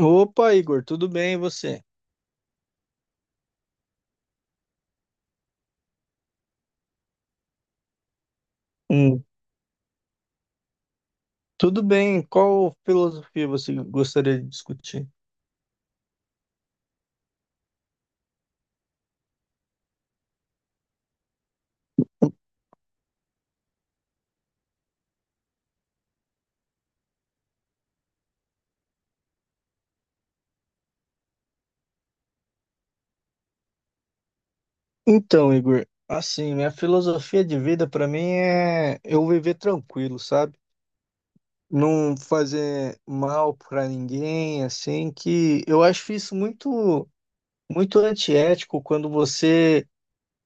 Opa, Igor, tudo bem e você? Hum, Tudo bem. Qual filosofia você gostaria de discutir? Então, Igor, assim, minha filosofia de vida para mim é eu viver tranquilo, sabe? Não fazer mal para ninguém, assim, que eu acho isso muito muito antiético quando você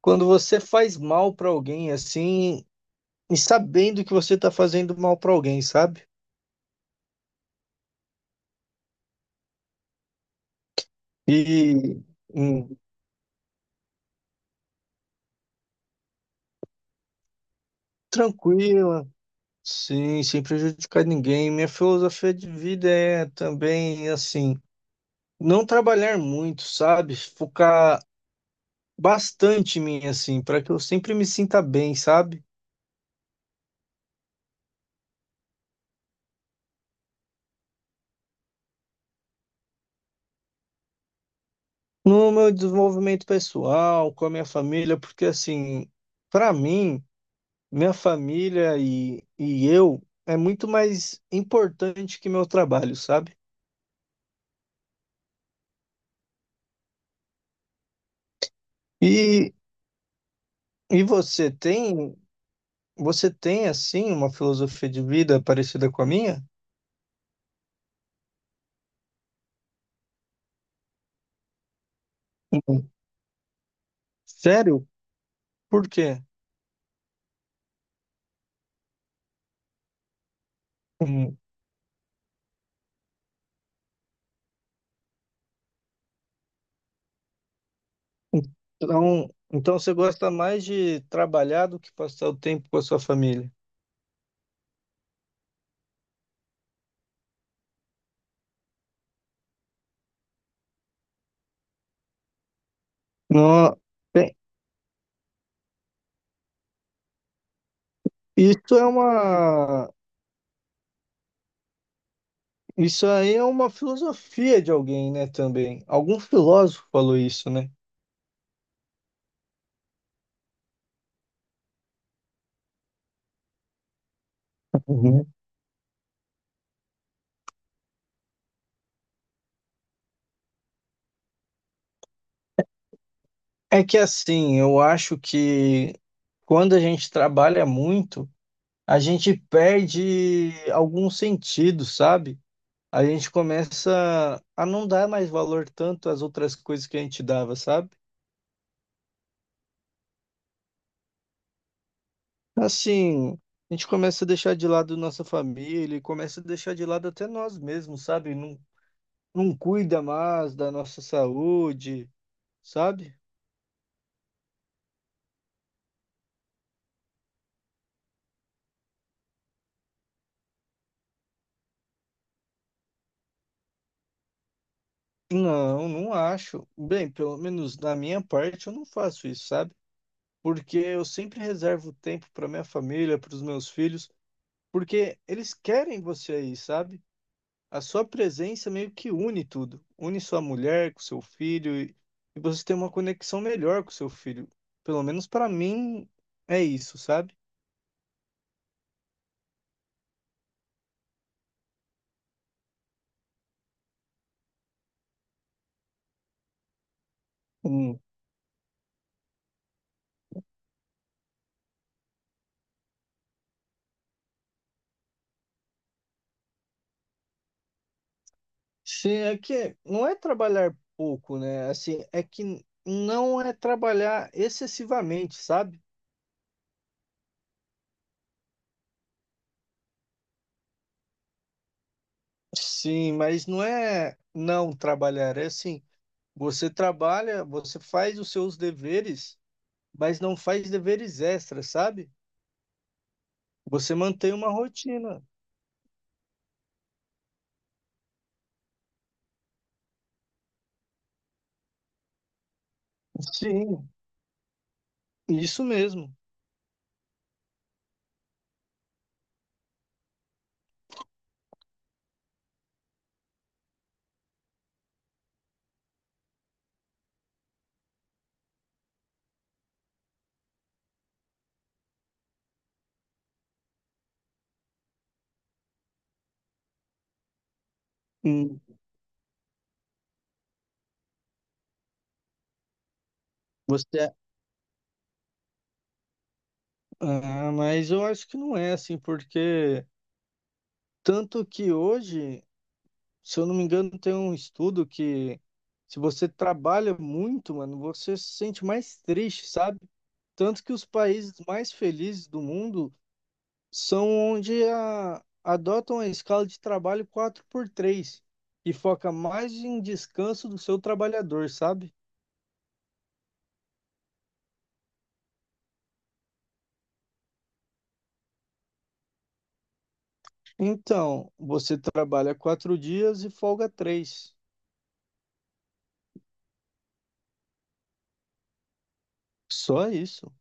quando você faz mal para alguém assim, e sabendo que você tá fazendo mal para alguém, sabe? E hum, Tranquilo. Sim, sem prejudicar ninguém. Minha filosofia de vida é também assim, não trabalhar muito, sabe? Focar bastante em mim, assim, para que eu sempre me sinta bem, sabe? No meu desenvolvimento pessoal, com a minha família, porque assim, para mim, minha família e eu é muito mais importante que meu trabalho, sabe? E, e você tem assim uma filosofia de vida parecida com a minha? Sério? Por quê? Hum. Então, você gosta mais de trabalhar do que passar o tempo com a sua família? Não, bem, isso é uma, isso aí é uma filosofia de alguém, né, também. Algum filósofo falou isso, né? Uhum. É que assim, eu acho que quando a gente trabalha muito, a gente perde algum sentido, sabe? A gente começa a não dar mais valor tanto às outras coisas que a gente dava, sabe? Assim, a gente começa a deixar de lado nossa família, e começa a deixar de lado até nós mesmos, sabe? Não, não cuida mais da nossa saúde, sabe? Não, não acho. Bem, pelo menos na minha parte eu não faço isso, sabe? Porque eu sempre reservo tempo para minha família, para os meus filhos, porque eles querem você aí, sabe? A sua presença meio que une tudo. Une sua mulher com seu filho e você tem uma conexão melhor com seu filho. Pelo menos para mim é isso, sabe? Hum. Se é que não é trabalhar pouco, né? Assim, é que não é trabalhar excessivamente, sabe? Sim, mas não é não trabalhar, é assim, você trabalha, você faz os seus deveres, mas não faz deveres extras, sabe? Você mantém uma rotina. Sim, isso mesmo. Hum. Você, ah, mas eu acho que não é assim, porque tanto que hoje, se eu não me engano, tem um estudo que se você trabalha muito, mano, você se sente mais triste, sabe? Tanto que os países mais felizes do mundo são onde a- adotam a escala de trabalho 4 por 3 e foca mais em descanso do seu trabalhador, sabe? Então, você trabalha 4 dias e folga 3. Só isso.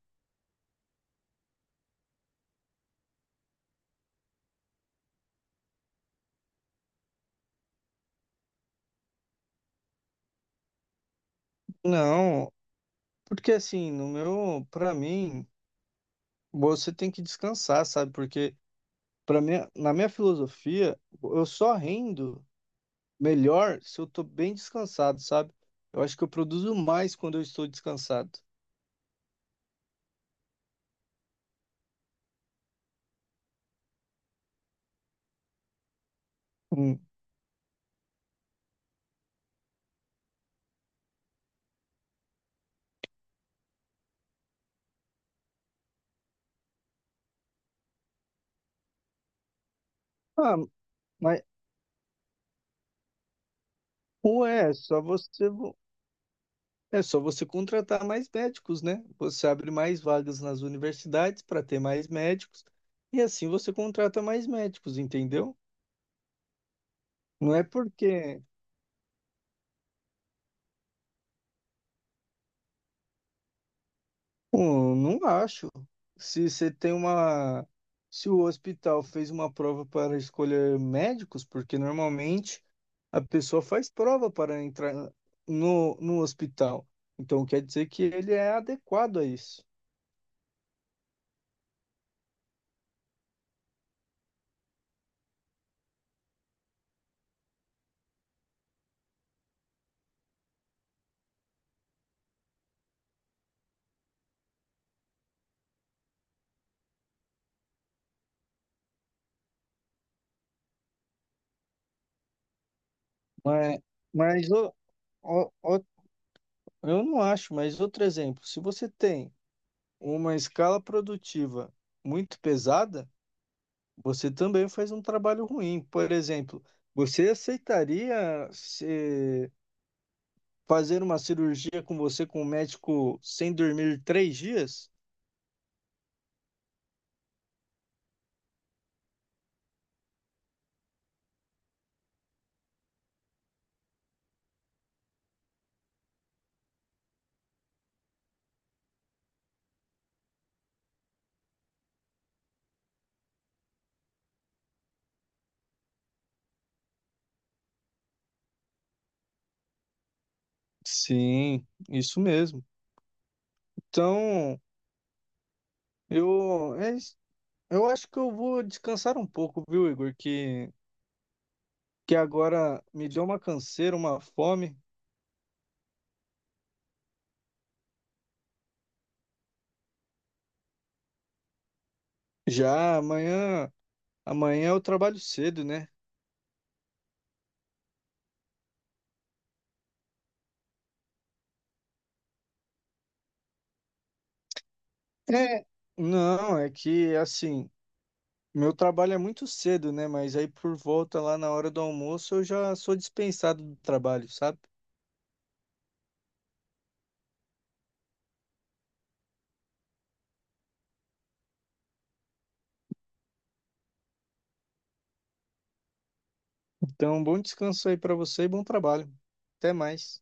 Não, porque assim, no meu, para mim, você tem que descansar, sabe? Porque para mim, na minha filosofia, eu só rendo melhor se eu tô bem descansado, sabe? Eu acho que eu produzo mais quando eu estou descansado. Hum. Ah, mas ué, é só você contratar mais médicos, né? Você abre mais vagas nas universidades para ter mais médicos e assim você contrata mais médicos, entendeu? Não é porque Pô, não acho. Se você tem uma. Se o hospital fez uma prova para escolher médicos, porque normalmente a pessoa faz prova para entrar no hospital. Então quer dizer que ele é adequado a isso. Mas, mas o- o- o- eu não acho, mas outro exemplo, se você tem uma escala produtiva muito pesada, você também faz um trabalho ruim. Por exemplo, você aceitaria ser. Fazer uma cirurgia com você, com o médico, sem dormir 3 dias? Sim, isso mesmo. Então, é isso. Eu acho que eu vou descansar um pouco, viu, Igor? Que agora me deu uma canseira, uma fome. Já amanhã, amanhã eu trabalho cedo, né? É, não, é que assim, meu trabalho é muito cedo, né? Mas aí por volta lá na hora do almoço eu já sou dispensado do trabalho, sabe? Então, bom descanso aí para você e bom trabalho. Até mais.